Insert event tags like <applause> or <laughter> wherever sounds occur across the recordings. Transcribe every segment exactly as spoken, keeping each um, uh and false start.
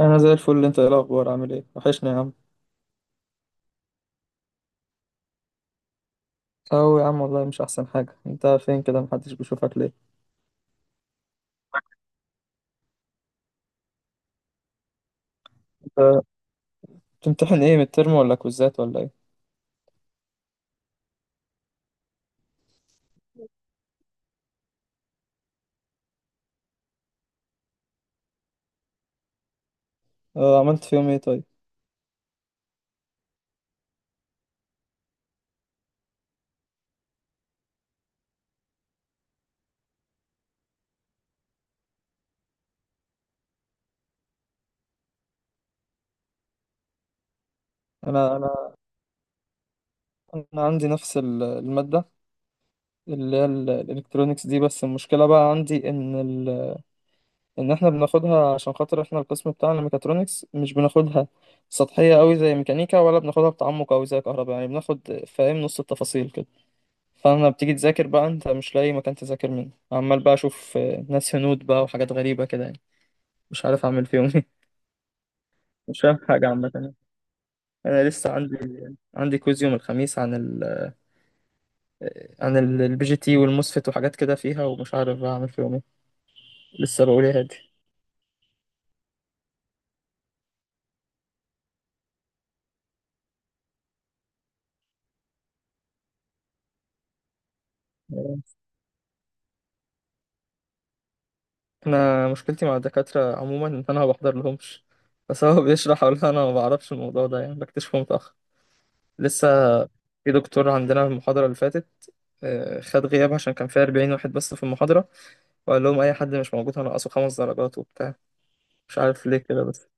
انا زي الفل، انت ايه الاخبار؟ عامل ايه؟ وحشني يا عم. او يا عم، والله مش احسن حاجه. انت فين كده؟ محدش بيشوفك ليه؟ انت بتمتحن ايه؟ من الترم ولا كوزات ولا ايه؟ آه، عملت فيهم ايه طيب؟ انا انا انا عندي نفس ال- الماده اللي هي ال- الالكترونيكس دي، بس المشكله بقى عندي ان ال... ان احنا بناخدها عشان خاطر احنا القسم بتاعنا ميكاترونكس. مش بناخدها سطحيه قوي زي ميكانيكا، ولا بناخدها بتعمق قوي زي كهرباء، يعني بناخد، فاهم، نص التفاصيل كده. فانا بتيجي تذاكر بقى، انت مش لاقي مكان تذاكر منه، عمال بقى اشوف آه، ناس هنود بقى وحاجات غريبة كده يعني. مش عارف اعمل فيهم ايه. <laughs> مش فاهم حاجة عامة يعني. انا لسه عندي، عندي كويز يوم الخميس عن ال آه، عن البي جي تي والموسفيت وحاجات كده فيها، ومش عارف بقى اعمل فيهم ايه. لسه بقول يا هادي. انا مشكلتي مع الدكاترة عموما ان انا ما بحضر لهمش، بس هو بيشرح ولا انا ما بعرفش الموضوع ده، يعني بكتشفه متأخر. لسه في دكتور عندنا في المحاضرة اللي فاتت آه، خد غياب، عشان كان فيها أربعين واحد بس في المحاضرة، وقال لهم اي حد مش موجود هنقصه خمس درجات وبتاع. مش عارف ليه كده، بس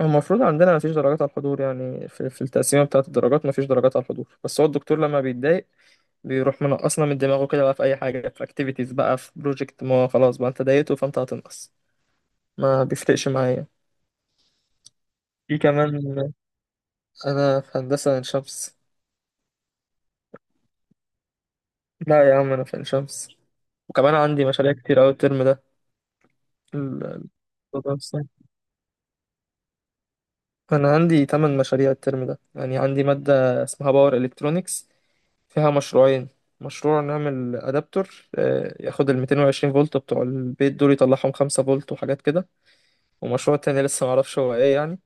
هو المفروض عندنا مفيش درجات على الحضور، يعني في, في التقسيمه بتاعه الدرجات مفيش درجات على الحضور، بس هو الدكتور لما بيتضايق بيروح منقصنا من دماغه كده بقى، في اي حاجه، في اكتيفيتيز بقى، في بروجكت، ما هو خلاص بقى انت ضايقته فانت هتنقص. ما بيفرقش معايا. في كمان، انا في هندسه عين شمس. لا يا عم انا في عين شمس. وكمان عندي مشاريع كتير أوي الترم ده. ال- ال- الموضوع الصعب. أنا عندي تمن مشاريع الترم ده، يعني عندي مادة اسمها باور إلكترونيكس فيها مشروعين. مشروع نعمل أدابتور آه، ياخد ال مئتين وعشرين فولت بتوع البيت دول، يطلعهم خمسة فولت وحاجات كده. ومشروع تاني لسه معرفش هو ايه يعني.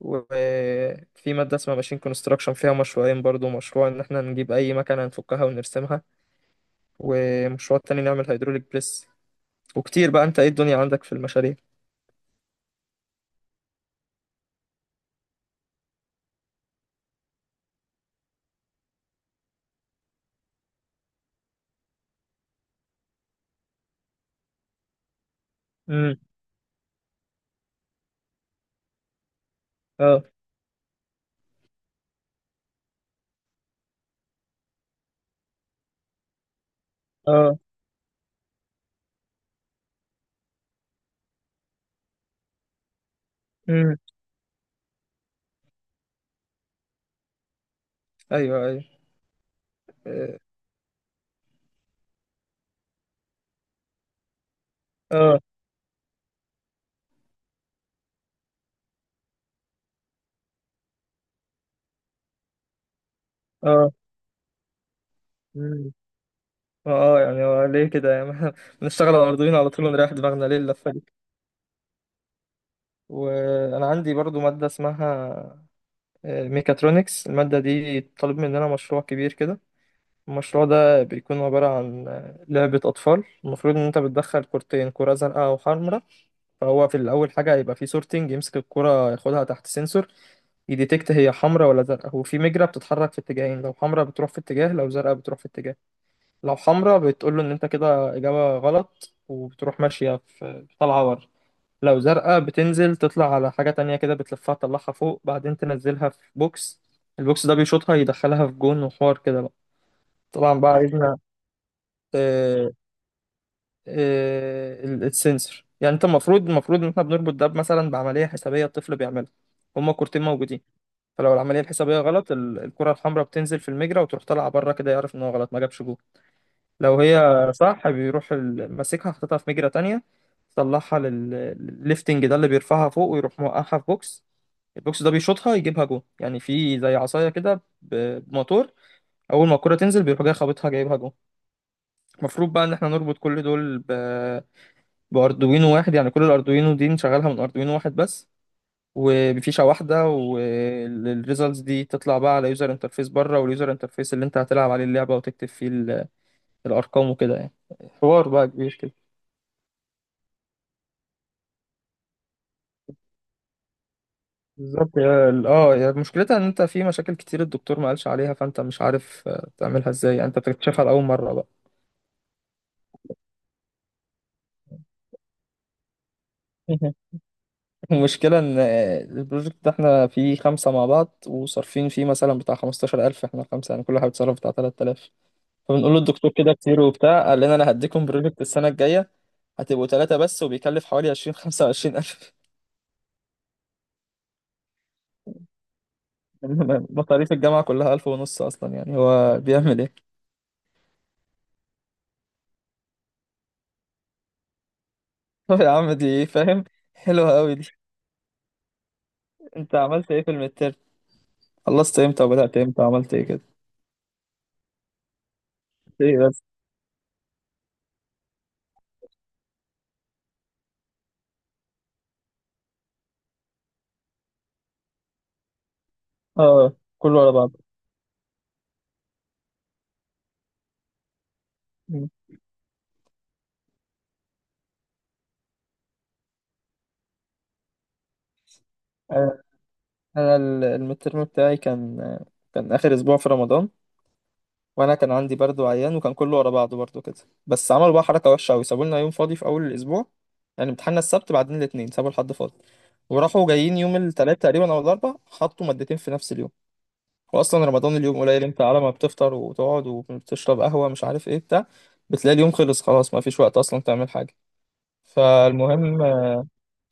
وفي مادة اسمها ماشين كونستراكشن فيها مشروعين برضو، مشروع ان احنا نجيب اي مكنة نفكها ونرسمها، ومشروع تاني نعمل هيدروليك بريس. وكتير بقى. انت ايه الدنيا عندك في المشاريع؟ امم اه. اه. امم ايوه ايوه. اه. اه. امم اه يعني هو ليه كده يعني؟ <laughs> بنشتغل على الأردوين على طول ونريح دماغنا، ليه اللفة؟ وانا عندي برضو ماده اسمها آه، ميكاترونكس. الماده دي طالب مننا مشروع كبير كده. المشروع ده بيكون عباره عن آه، لعبه اطفال. المفروض ان انت بتدخل كورتين، كره زرقاء وحمراء. فهو في الاول حاجه هيبقى في سورتنج، يمسك الكره، ياخدها تحت سنسور، يديتكت هي حمراء ولا زرقاء. وفي مجرة بتتحرك في اتجاهين، لو حمراء بتروح في اتجاه، لو زرقاء بتروح في اتجاه. لو حمراء بتقول له ان انت كده اجابة غلط، وبتروح ماشية في، طالعة ورا. لو زرقاء بتنزل تطلع على حاجة تانية كده، بتلفها تطلعها فوق، بعدين تنزلها في بوكس. البوكس ده بيشوطها يدخلها في جون، وحوار كده بقى. طبعا بقى عايزنا آه، آه، ال- السنسور، يعني انت المفروض، المفروض ان احنا بنربط ده مثلا بعملية حسابية الطفل بيعملها. هما كورتين موجودين. فلو العملية الحسابية غلط ال- الكرة الحمراء بتنزل في المجرى وتروح طالعة بره كده، يعرف ان هو غلط ما جابش جول. لو هي صح بيروح ال- ماسكها، حاططها في مجرى تانية، طلعها للليفتنج ده اللي بيرفعها فوق، ويروح موقعها في بوكس. البوكس ده بيشوطها يجيبها جون، يعني في زي عصايه كده ب- بموتور، اول ما الكره تنزل بيروح جاي خابطها جايبها جون. المفروض بقى ان احنا نربط كل دول ب... باردوينو واحد، يعني كل الاردوينو دي نشغلها من اردوينو واحد بس، وبفيشه واحده، والريزلتس دي تطلع بقى على يوزر انترفيس بره، واليوزر انترفيس اللي انت هتلعب عليه اللعبه وتكتب فيه ال- الارقام وكده يعني. حوار بقى كبير كده. بالظبط، يا- اه، يا مشكلتها ان انت في مشاكل كتير الدكتور ما قالش عليها، فانت مش عارف آه، تعملها ازاي، يعني انت بتكتشفها لاول مره بقى. <laughs> المشكلة إن البروجكت ده إحنا فيه خمسة مع بعض وصارفين فيه مثلا بتاع خمستاشر ألف، إحنا خمسة يعني كل واحد صرف بتاع تلات آلاف. فبنقول للدكتور كده كتير وبتاع، قال لنا أنا هديكم بروجكت السنة الجاية هتبقوا تلاتة بس، وبيكلف حوالي عشرين، خمسة وعشرين ألف. <laughs> إنما مصاريف الجامعة كلها ألف ونص أصلا، يعني هو بيعمل إيه؟ <laughs> طب يا عم، دي إيه فاهم؟ حلوة أوي دي. أنت عملت إيه في المتر؟ خلصت إمتى وبدأت إمتى وعملت إيه كده؟ إيه بس؟ آه كله على بعض. انا ال- المترم بتاعي كان، كان اخر اسبوع في رمضان، وانا كان عندي برد وعيان، وكان كله ورا بعضه برضه كده. بس عملوا بقى حركه وحشه قوي، سابوا لنا يوم فاضي في اول الاسبوع، يعني امتحاننا السبت بعدين الاثنين، سابوا الحد فاضي، وراحوا جايين يوم الثلاث تقريبا او الاربع حطوا مادتين في نفس اليوم. واصلا رمضان اليوم قليل، انت على ما بتفطر وتقعد وبتشرب قهوه مش عارف ايه بتاع، بتلاقي اليوم خلص خلاص، ما فيش وقت اصلا تعمل حاجه. فالمهم،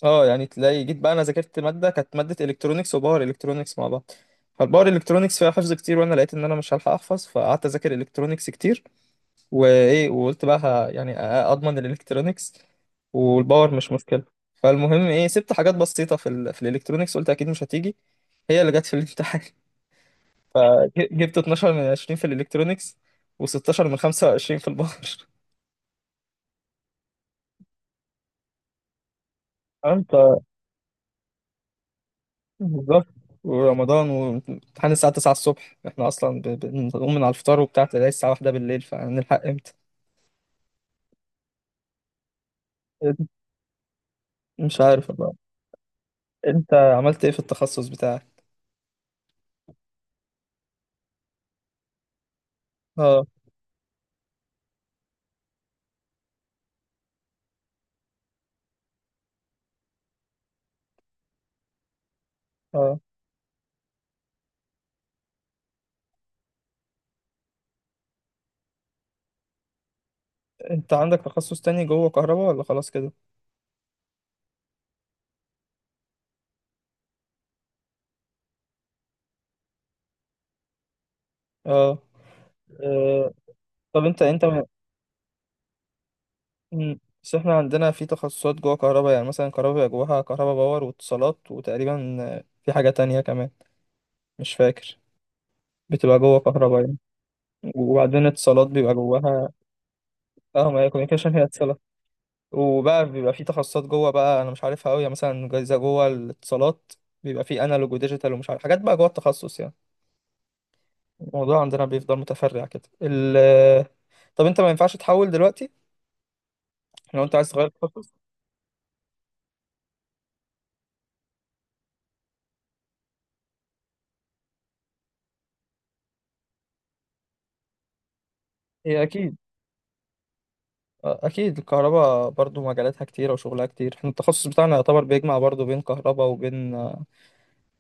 اه يعني تلاقي جيت بقى، انا ذاكرت ماده، كانت ماده الكترونكس وباور الكترونكس مع بعض. فالباور الكترونكس فيها حفظ كتير، وانا لقيت ان انا مش هلحق احفظ، فقعدت اذاكر الكترونكس كتير. وايه، وقلت بقى ه- يعني أ- اضمن الالكترونكس، والباور مش مشكله. فالمهم ايه، سبت حاجات بسيطه في ال في الالكترونكس، قلت اكيد مش هتيجي، هي اللي جت في الامتحان. <laughs> ج- جبت اتناشر من عشرين في الالكترونكس، و16 من خمسة وعشرين في الباور. <laughs> بالظبط. ورمضان وامتحان الساعة تسعة الصبح، احنا أصلا ب- بنقوم من على الفطار وبتاع، تلاقي الساعة واحدة بالليل، فهنلحق امتى؟ مش عارف والله. انت عملت ايه في التخصص بتاعك؟ اه. اه. انت عندك تخصص تاني جوه كهرباء ولا خلاص كده؟ اه. آه، طب انت انت مم، بس احنا عندنا في تخصصات جوه كهرباء، يعني مثلا كهرباء بيبقى جواها كهرباء باور واتصالات، وتقريبا آه، في حاجة تانية كمان مش فاكر. بتبقى جوه كهرباء يعني. وبعدين اتصالات بيبقى جواها. اه، ما هي كوميونيكيشن هي اتصالات. وبقى بيبقى في تخصصات جوه بقى انا مش عارفها قوي، يعني مثلا جايزه جوه الاتصالات بيبقى في انالوج وديجيتال، ومش عارف حاجات بقى جوه التخصص يعني. الموضوع عندنا بيفضل متفرع كده ال طب انت ما ينفعش تحول دلوقتي لو انت عايز تغير التخصص؟ هي اكيد، اكيد الكهرباء برضو مجالاتها كتيره وشغلها كتير. احنا التخصص بتاعنا يعتبر بيجمع برضو بين كهرباء وبين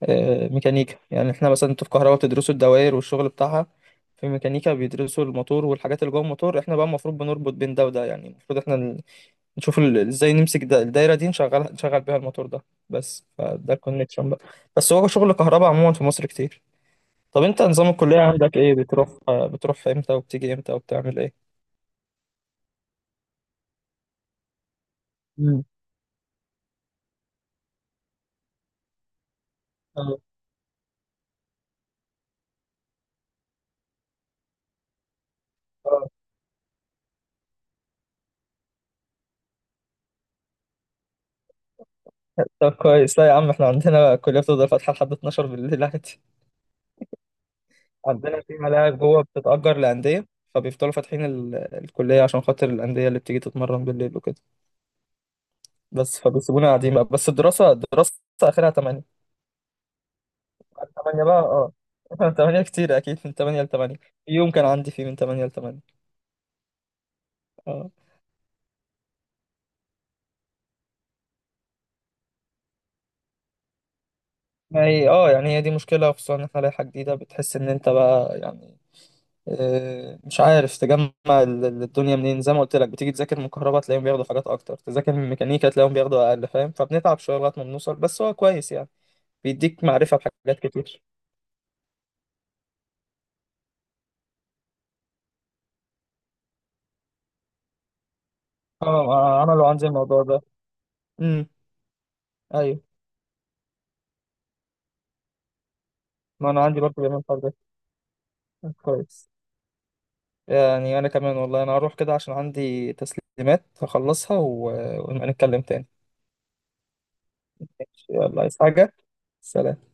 آه، ميكانيكا، يعني احنا مثلا انتوا في كهرباء بتدرسوا الدوائر والشغل بتاعها، في ميكانيكا بيدرسوا الموتور والحاجات اللي جوه الموتور، احنا بقى المفروض بنربط بين ده وده، يعني المفروض احنا نشوف ال- ازاي نمسك ده الدايره دي، نشغل نشغل بيها الموتور ده بس، فده الكونكشن بقى. بس هو شغل كهرباء عموما في مصر كتير. طب انت نظام الكليه عندك ايه؟ بتروح بتروح امتى وبتيجي امتى وبتعمل ايه؟ مم. اه. اه. طب كويس. لا يا عم، احنا عندنا الكليه بتفضل فاتحه لحد اتناشر بالليل عادي. عندنا في ملاعب جوه بتتأجر لأندية، فبيفضلوا فاتحين ال- الكلية عشان خاطر الأندية اللي بتيجي تتمرن بالليل وكده، بس فبيسيبونا قاعدين بقى. بس الدراسة الدراسة آخرها تمانية. من تمانية بقى اه. <laughs> من تمانية كتير، اكيد من تمانية ل تمانية. يوم كان عندي فيه من تمانية ل تمانية. اه، ما هي اه، يعني هي دي مشكلة، خصوصا ان احنا لائحة جديدة، بتحس ان انت بقى يعني آه، مش عارف تجمع ال- ال- الدنيا منين. زي ما قلت لك، بتيجي تذاكر من كهرباء تلاقيهم بياخدوا حاجات اكتر، تذاكر من ميكانيكا تلاقيهم بياخدوا اقل، فاهم؟ فبنتعب شوية لغاية ما بنوصل، بس هو كويس يعني، بيديك معرفة بحاجات كتير. اه، آه، عملوا عندي الموضوع ده. امم. ايوه، ما انا عندي برضه بيعملوا الحوار ده. كويس. يعني أنا كمان، والله أنا هروح كده عشان عندي تسليمات هخلصها، و- ونبقى نتكلم تاني. ماشي، يلا عايز حاجة؟ سلام.